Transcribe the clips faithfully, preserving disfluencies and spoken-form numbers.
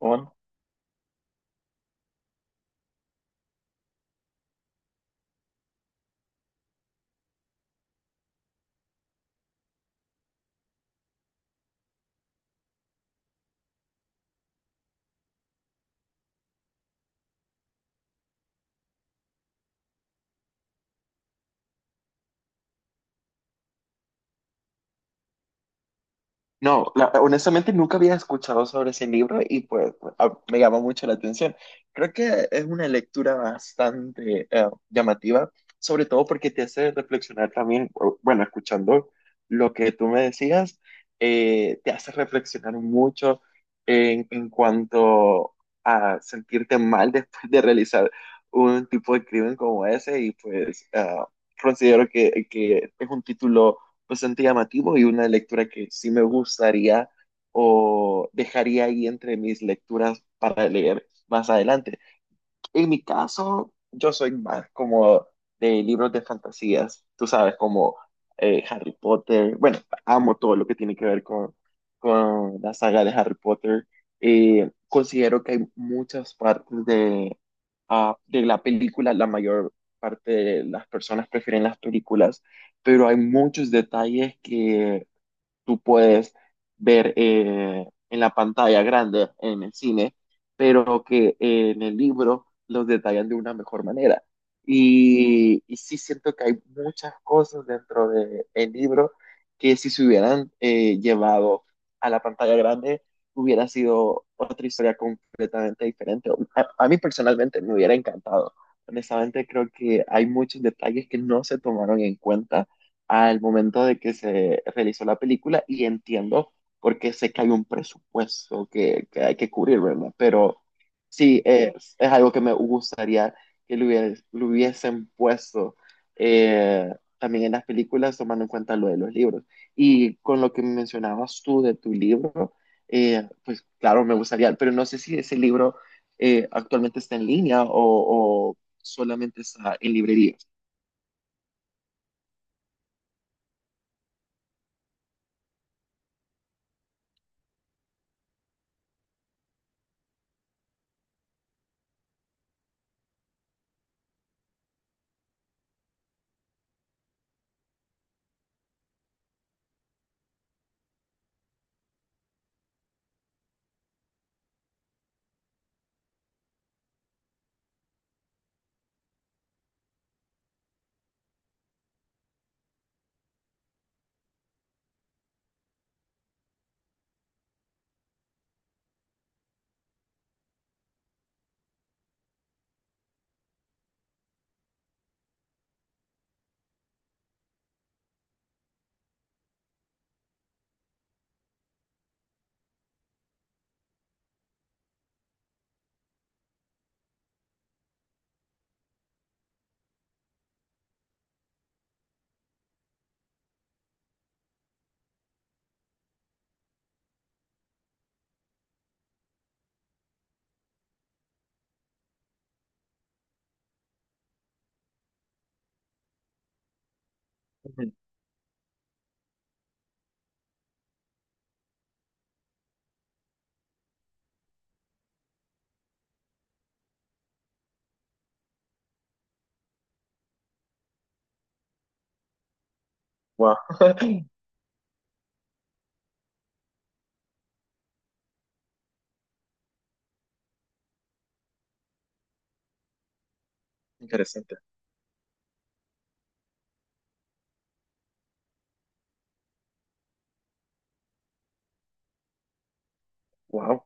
Un- No, la- honestamente nunca había escuchado sobre ese libro y pues a- me llamó mucho la atención. Creo que es una lectura bastante eh, llamativa, sobre todo porque te hace reflexionar también, o- bueno, escuchando lo que tú me decías, eh, te hace reflexionar mucho en, en cuanto a sentirte mal después de realizar un tipo de crimen como ese y pues ah, considero que, que es un título bastante llamativo y una lectura que sí me gustaría o dejaría ahí entre mis lecturas para leer más adelante. En mi caso, yo soy más como de libros de fantasías, tú sabes, como eh, Harry Potter. Bueno, amo todo lo que tiene que ver con, con la saga de Harry Potter. Eh, considero que hay muchas partes de, ah, de la película, la mayor parte de las personas prefieren las películas, pero hay muchos detalles tú puedes ver eh, en la pantalla grande, en el cine, pero que eh, en el libro los detallan de una mejor manera. Y, y sí siento que hay muchas cosas dentro del libro que si se hubieran eh, llevado a la pantalla grande, hubiera sido otra historia completamente diferente. A, a mí personalmente me hubiera encantado. Honestamente, creo que hay muchos detalles que no se tomaron en cuenta al momento de que se realizó la película y entiendo porque sé que hay un presupuesto que, que hay que cubrir, ¿verdad? Pero sí, eh, es algo que me gustaría que lo, hubies- lo hubiesen puesto eh, también en las películas, tomando en cuenta lo de los libros. Y con lo que mencionabas tú de tu libro, eh, pues claro, me gustaría, pero no sé si ese libro eh, actualmente está en línea o, o solamente está en librerías. Ujú. Wow, interesante. Wow,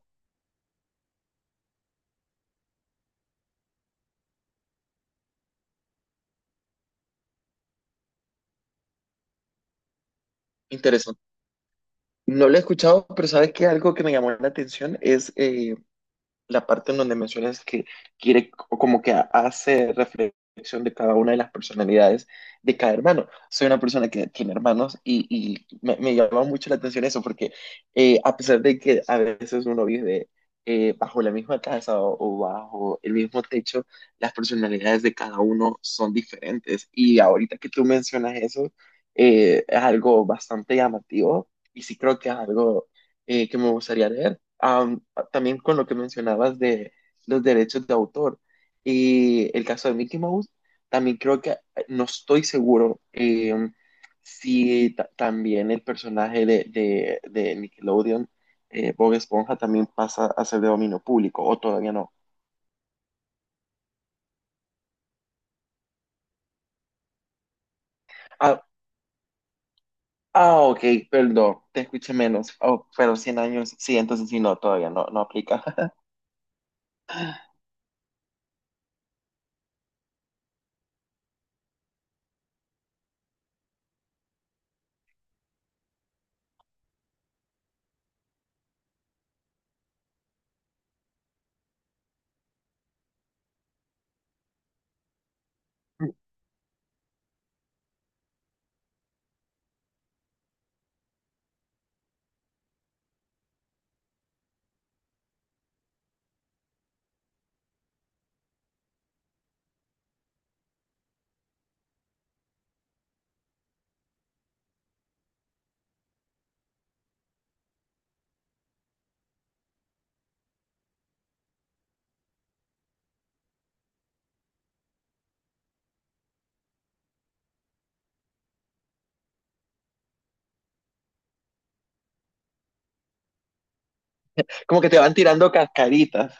interesante. No lo he escuchado, pero sabes que algo que me llamó la atención es eh, la parte en donde mencionas que quiere o como que hace reflexión de cada una de las personalidades de cada hermano. Soy una persona que tiene hermanos y, y me, me llama mucho la atención eso porque eh, a pesar de que a veces uno vive eh, bajo la misma casa o, o bajo el mismo techo, las personalidades de cada uno son diferentes. Y ahorita que tú mencionas eso, eh, es algo bastante llamativo y sí creo que es algo eh, que me gustaría leer. Am, también con lo que mencionabas de los derechos de autor y el caso de Mickey Mouse, también creo que eh, no estoy seguro eh, si ta- también el personaje de, de- de Nickelodeon, eh, Bob Esponja, también pasa a ser de dominio público o todavía no. Ah, ah, ok, perdón, te escuché menos, oh, pero cien años, sí, entonces sí, no, todavía no, no aplica. Como que te van tirando cascaritas.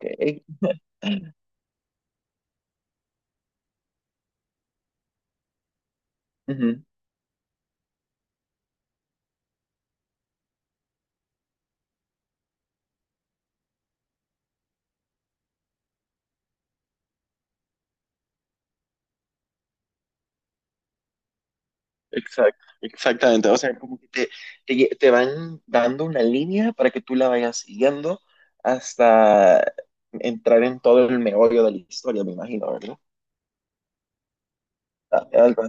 Ok. Ujú. Exacto, exactamente. O sea, como que te, te, lle- te van dando una línea para que tú la vayas siguiendo hasta entrar en todo el meollo de la historia, me imagino, ¿verdad?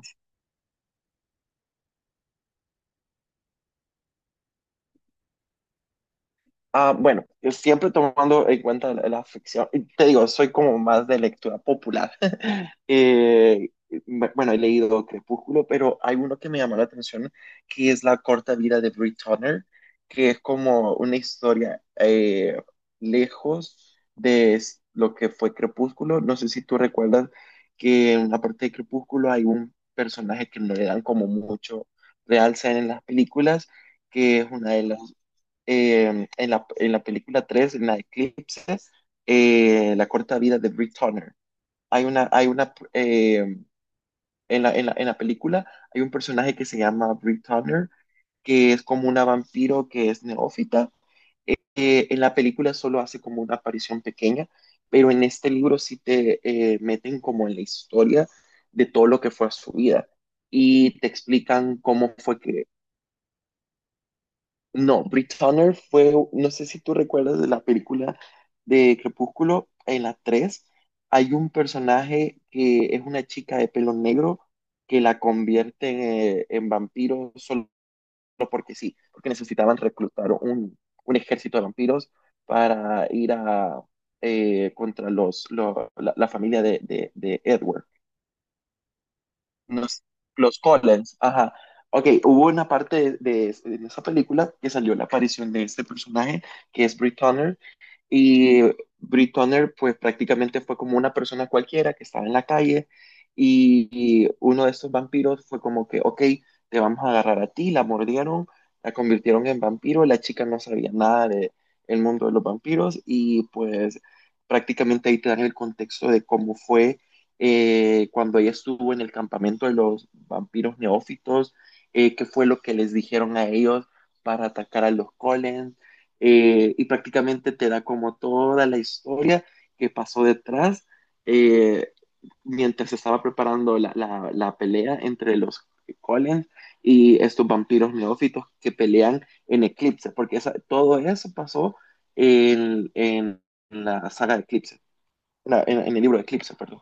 Ah, bueno, yo siempre tomando en cuenta la, la ficción, y te digo, soy como más de lectura popular. Eh, bu- bueno, he leído Crepúsculo, pero hay uno que me llamó la atención, que es La corta vida de Brit Turner, que es como una historia eh, lejos de s- lo que fue Crepúsculo. No sé si tú recuerdas que en la parte de Crepúsculo hay un personaje que no le dan como mucho realce en las películas, que es una de las eh, en la, en la película tres en la Eclipse, eh, La corta vida de Brick Turner. Hay una, hay una, eh, en la, en la, en la película hay un personaje que se llama Brick Turner, que es como una vampiro que es neófita. Eh, en la película solo hace como una aparición pequeña, pero en este libro sí te eh, meten como en la historia de todo lo que fue su vida y te explican cómo fue que no, Brit Turner fue, no sé si tú recuerdas de la película de Crepúsculo, en la tres hay un personaje que es una chica de pelo negro que la convierte eh, en, vampiro solo que sí, porque necesitaban reclutar un, un ejército de vampiros para ir a, eh, contra los, lo- la, la familia de, de, de Edward. Los, los Collins, ajá. Ok, hubo una parte de, de- de esa película que salió la aparición de este personaje, que es Brit Turner, y Brit Turner pues prácticamente fue como una persona cualquiera que estaba en la calle y, y uno de estos vampiros fue como que, ok, te vamos a agarrar a ti, la mordieron, la convirtieron en vampiro, la chica no sabía nada de el mundo de los vampiros y pues prácticamente ahí te dan el contexto de cómo fue eh, cuando ella estuvo en el campamento de los vampiros neófitos, eh, qué fue lo que les dijeron a ellos para atacar a los Collins, eh, y prácticamente te da como toda la historia que pasó detrás eh, mientras se estaba preparando la, la, la pelea entre los Collins y estos vampiros neófitos que pelean en Eclipse, porque esa, todo eso pasó en, en la saga de Eclipse, en, en el libro de Eclipse, perdón.